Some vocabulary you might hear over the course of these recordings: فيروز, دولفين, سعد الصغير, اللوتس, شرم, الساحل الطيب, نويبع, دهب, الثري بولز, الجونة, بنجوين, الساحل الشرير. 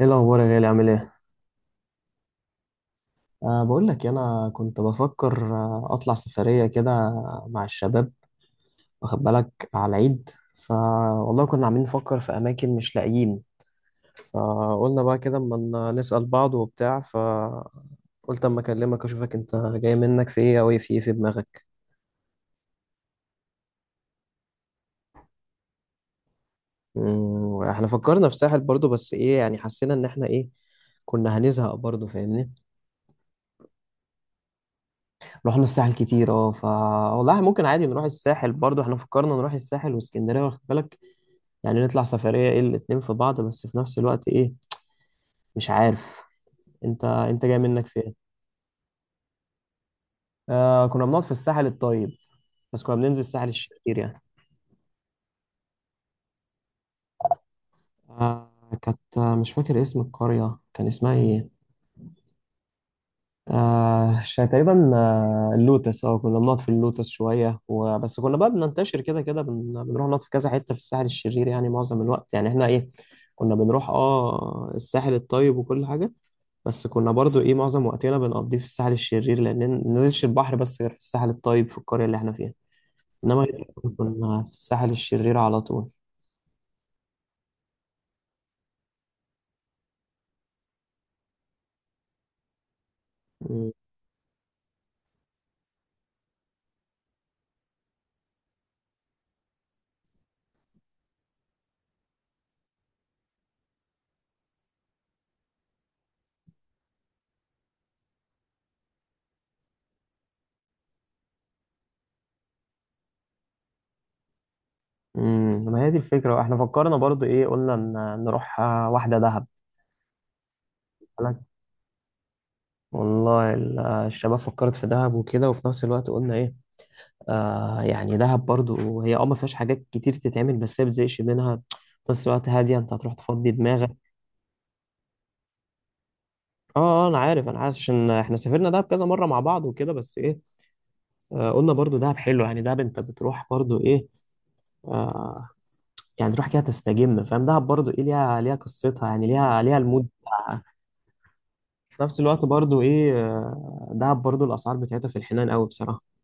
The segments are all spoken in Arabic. ايه الاخبار يا غالي؟ عامل ايه؟ بقول لك إيه، انا كنت بفكر، اطلع سفريه كده مع الشباب، واخد بالك على العيد. ف والله كنا عاملين نفكر في اماكن مش لاقيين. فقلنا بقى كده اما نسال بعض وبتاع، فقلت اما اكلمك اشوفك انت جاي منك في ايه، او ايه في ايه في دماغك. احنا فكرنا في ساحل برضو، بس ايه يعني، حسينا ان احنا ايه، كنا هنزهق برضو فاهمني. رحنا الساحل كتير اه ف والله، ممكن عادي نروح الساحل برضو. احنا فكرنا نروح الساحل واسكندريه، واخد بالك، يعني نطلع سفرية ايه الاتنين في بعض، بس في نفس الوقت ايه، مش عارف. انت جاي منك فين؟ آه، كنا بنقعد في الساحل الطيب، بس كنا بننزل الساحل الشرير يعني. آه، كانت مش فاكر اسم القرية، كان اسمها ايه، تقريبا اللوتس. اه كنا بنقعد في اللوتس شوية، وبس كنا بقى بننتشر كده كده، بنروح نقعد في كذا حتة في الساحل الشرير يعني. معظم الوقت يعني احنا ايه، كنا بنروح الساحل الطيب وكل حاجة، بس كنا برضو ايه معظم وقتنا بنقضيه في الساحل الشرير، لان ننزلش البحر بس غير في الساحل الطيب في القرية اللي احنا فيها. انما كنا في الساحل الشرير على طول. مم. مم. ما هي دي الفكرة. احنا فكرنا برضو ايه، قلنا نروح، واحدة دهب. قالك والله الشباب فكرت في دهب وكده، وفي نفس الوقت قلنا ايه، آه يعني دهب برضو هي ما فيهاش حاجات كتير تتعمل، بس هي بتزهقش منها. في نفس الوقت هادية، انت هتروح تفضي دماغك. اه انا عارف انا عارف، عشان احنا سافرنا دهب كذا مرة مع بعض وكده، بس ايه، قلنا برضو دهب حلو. يعني دهب انت بتروح برضو ايه، آه يعني تروح كده تستجم فاهم. دهب برضو ايه ليها ليها قصتها، يعني ليها ليها المود بتاعها. في نفس الوقت برضو ايه، دهب برضو الاسعار بتاعتها في الحنان قوي بصراحة.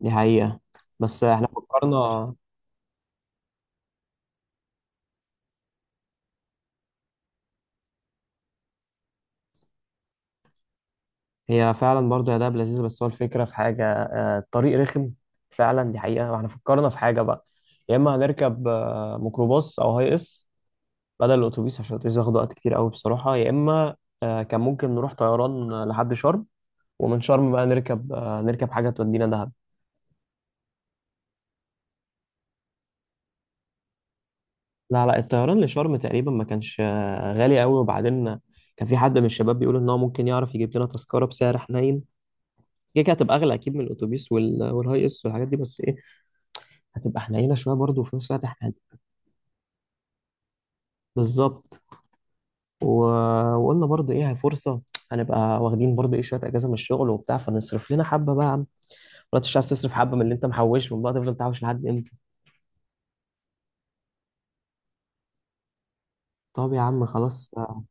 دي حقيقة، بس احنا فكرنا. هي فعلا برضو يا دهب لذيذة، بس هو الفكرة في حاجة، الطريق رخم فعلا، دي حقيقة. واحنا فكرنا في حاجة بقى، يا اما هنركب ميكروباص او هاي اس بدل الاتوبيس، عشان الاتوبيس ياخد وقت كتير قوي بصراحه، يا اما كان ممكن نروح طيران لحد شرم. ومن شرم بقى نركب، حاجه تودينا دهب. لا لا الطيران لشرم تقريبا ما كانش غالي قوي، وبعدين كان في حد من الشباب بيقول ان هو ممكن يعرف يجيب لنا تذكره بسعر حنين. كده كده هتبقى اغلى اكيد من الاتوبيس والهاي اس والحاجات دي، بس ايه هتبقى حنينه شويه برضه. وفي نفس الوقت احنا بالظبط. و... وقلنا برضه ايه، هي فرصه، هنبقى واخدين برضه ايه شويه اجازه من الشغل وبتاع، فنصرف لنا حبه بقى، ولا مش عايز تصرف حبه من اللي انت محوشهم، بقى تفضل تحوش لحد امتى؟ طب يا عم خلاص. آه،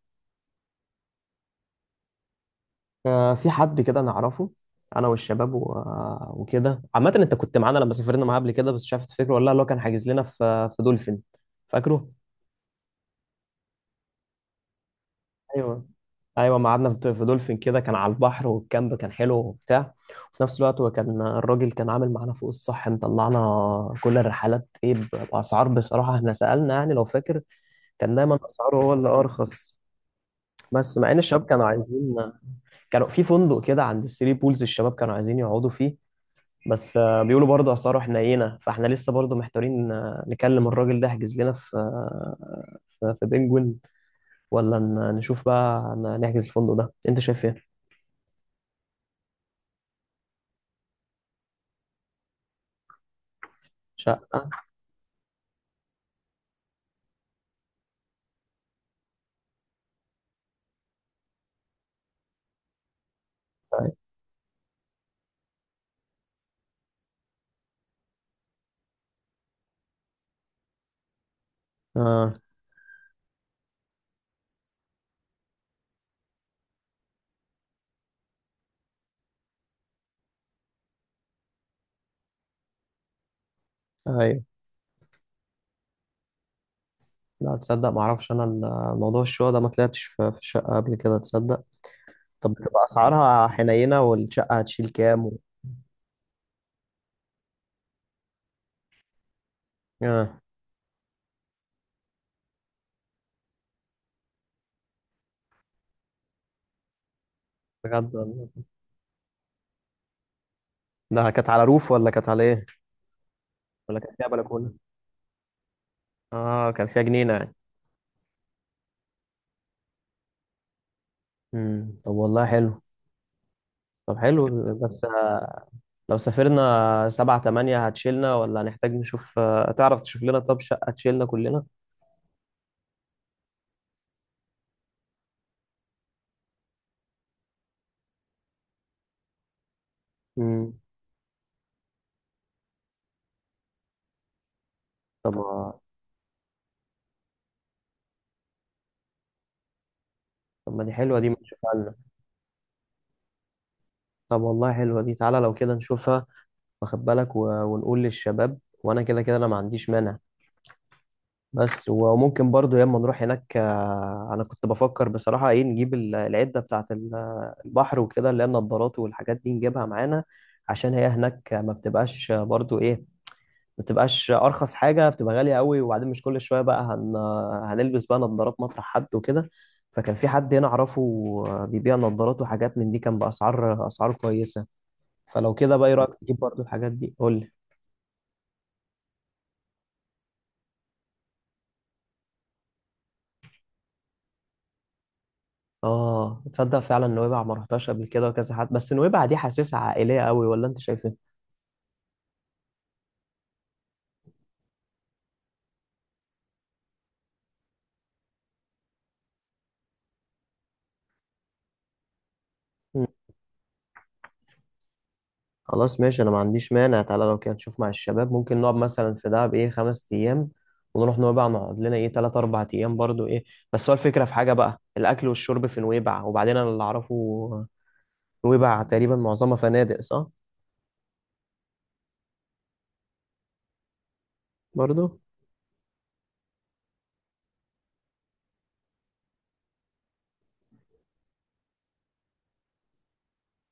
آه، في حد كده نعرفه، انا والشباب، و... وكده. عامه انت كنت معانا لما سافرنا معاه قبل كده، بس مش عارف تفتكره ولا لا، اللي هو كان حاجز لنا في دولفين، فاكره؟ ايوه ايوه ما قعدنا في دولفين كده، كان على البحر والكامب كان حلو وبتاع. وفي نفس الوقت هو كان الراجل كان عامل معانا فوق الصح، مطلعنا كل الرحلات ايه باسعار، بصراحه احنا سالنا يعني لو فاكر، كان دايما اسعاره هو اللي ارخص. بس مع ان الشباب كانوا عايزين، كانوا في فندق كده عند الثري بولز الشباب كانوا عايزين يقعدوا فيه، بس بيقولوا برضه اسعاره حنينه. فاحنا لسه برضه محتارين، نكلم الراجل ده يحجز لنا في، في بنجوين، ولا نشوف بقى نحجز الفندق ده؟ انت شايف ايه؟ شقه؟ طيب. اه ايوه. لا تصدق ما اعرفش انا موضوع الشقه ده، ما طلعتش في الشقه قبل كده تصدق. طب بتبقى اسعارها حنينه؟ والشقه هتشيل كام و...؟ اه بجد والله. ده كانت على روف ولا كانت على ايه، ولا كانت فيها بلكونه؟ اه كان فيها جنينه يعني. طب والله حلو. طب حلو. بس لو سافرنا 7 8 هتشيلنا، ولا هنحتاج نشوف، تعرف تشوف لنا طب شقة تشيلنا كلنا؟ امم. طب طب ما دي حلوة دي، ما نشوفها لنا. طب والله حلوة دي، تعالى لو كده نشوفها. واخد بالك و... ونقول للشباب، وانا كده كده انا ما عنديش مانع. بس وممكن برضو ياما نروح هناك، انا كنت بفكر بصراحة ايه، نجيب العدة بتاعت البحر وكده، اللي هي النضارات والحاجات دي نجيبها معانا، عشان هي هناك ما بتبقاش برضو ايه، ما تبقاش ارخص حاجه، بتبقى غاليه قوي. وبعدين مش كل شويه بقى هنلبس بقى نظارات مطرح حد وكده. فكان في حد هنا اعرفه بيبيع نظارات وحاجات من دي، كان باسعار اسعار كويسه. فلو كده بقى ايه رايك تجيب برضو الحاجات دي، قول لي. اه تصدق فعلا، نويبع ما رحتهاش قبل كده، وكذا حد، بس نويبع دي حاسسها عائليه قوي، ولا انت شايف ايه؟ خلاص ماشي، انا ما عنديش مانع. تعالى لو كده نشوف مع الشباب، ممكن نقعد مثلا في دهب ايه 5 ايام، ونروح نويبع نقعد لنا ايه 3 4 ايام برضو ايه. بس هو الفكره في حاجه بقى، الاكل والشرب في نويبع. وبعدين انا اللي اعرفه نويبع تقريبا معظمها فنادق، صح؟ برضو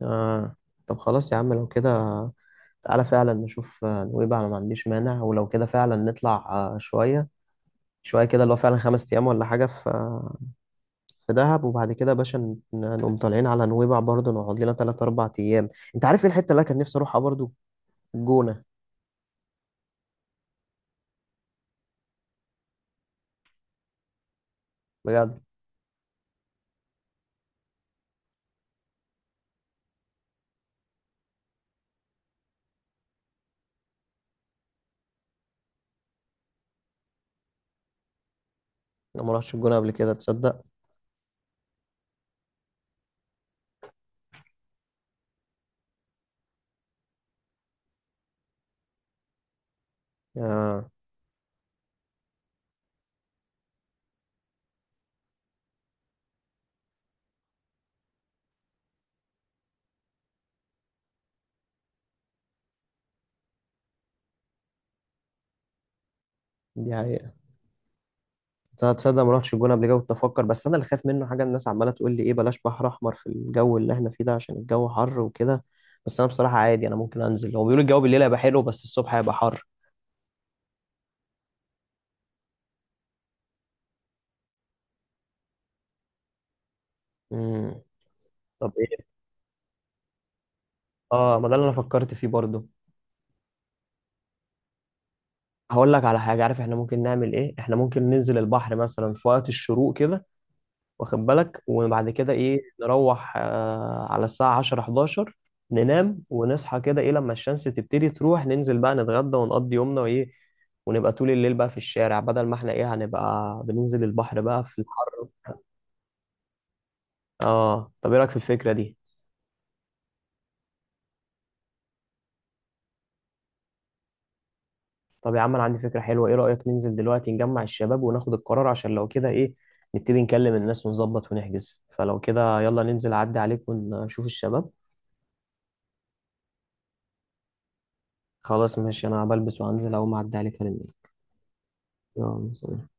آه. طب خلاص يا عم لو كده، تعالى فعلا نشوف نويبع. انا ما عنديش مانع، ولو كده فعلا نطلع شويه شويه كده، اللي هو فعلا 5 ايام ولا حاجه في في دهب، وبعد كده يا باشا نقوم طالعين على نويبع برضه، نقعد لنا 3 4 أيام. أنت عارف إيه الحتة اللي أنا كان نفسي أروحها برضه؟ الجونة. بجد، أنا ما رحتش الجونة قبل كده تصدق. آه دي حقيقة. تصدق تصدق ما رحتش الجونة قبل كده. كنت أفكر، بس أنا اللي خايف منه حاجة، الناس عمالة تقول لي إيه بلاش بحر أحمر في الجو اللي إحنا فيه ده، عشان الجو حر وكده. بس أنا بصراحة عادي أنا ممكن أنزل. هو بيقولوا الجو بالليل هيبقى حلو، بس الصبح هيبقى حر. امم. طب إيه، آه ما ده اللي أنا فكرت فيه برضه. هقول لك على حاجة، عارف إحنا ممكن نعمل إيه؟ إحنا ممكن ننزل البحر مثلا في وقت الشروق كده، واخد بالك. وبعد كده ايه نروح على الساعة 10 11، ننام ونصحى كده ايه لما الشمس تبتدي تروح، ننزل بقى نتغدى ونقضي يومنا وايه. ونبقى طول الليل بقى في الشارع، بدل ما احنا ايه هنبقى بننزل البحر بقى في الحر. اه طب ايه رأيك في الفكرة دي؟ طب يا عم انا عندي فكرة حلوة، ايه رأيك ننزل دلوقتي نجمع الشباب وناخد القرار؟ عشان لو كده ايه نبتدي نكلم الناس ونظبط ونحجز. فلو كده يلا ننزل، اعدي عليك ونشوف الشباب. خلاص ماشي، انا بلبس، وهنزل اول ما اعدي عليك هرن. يلا سلام.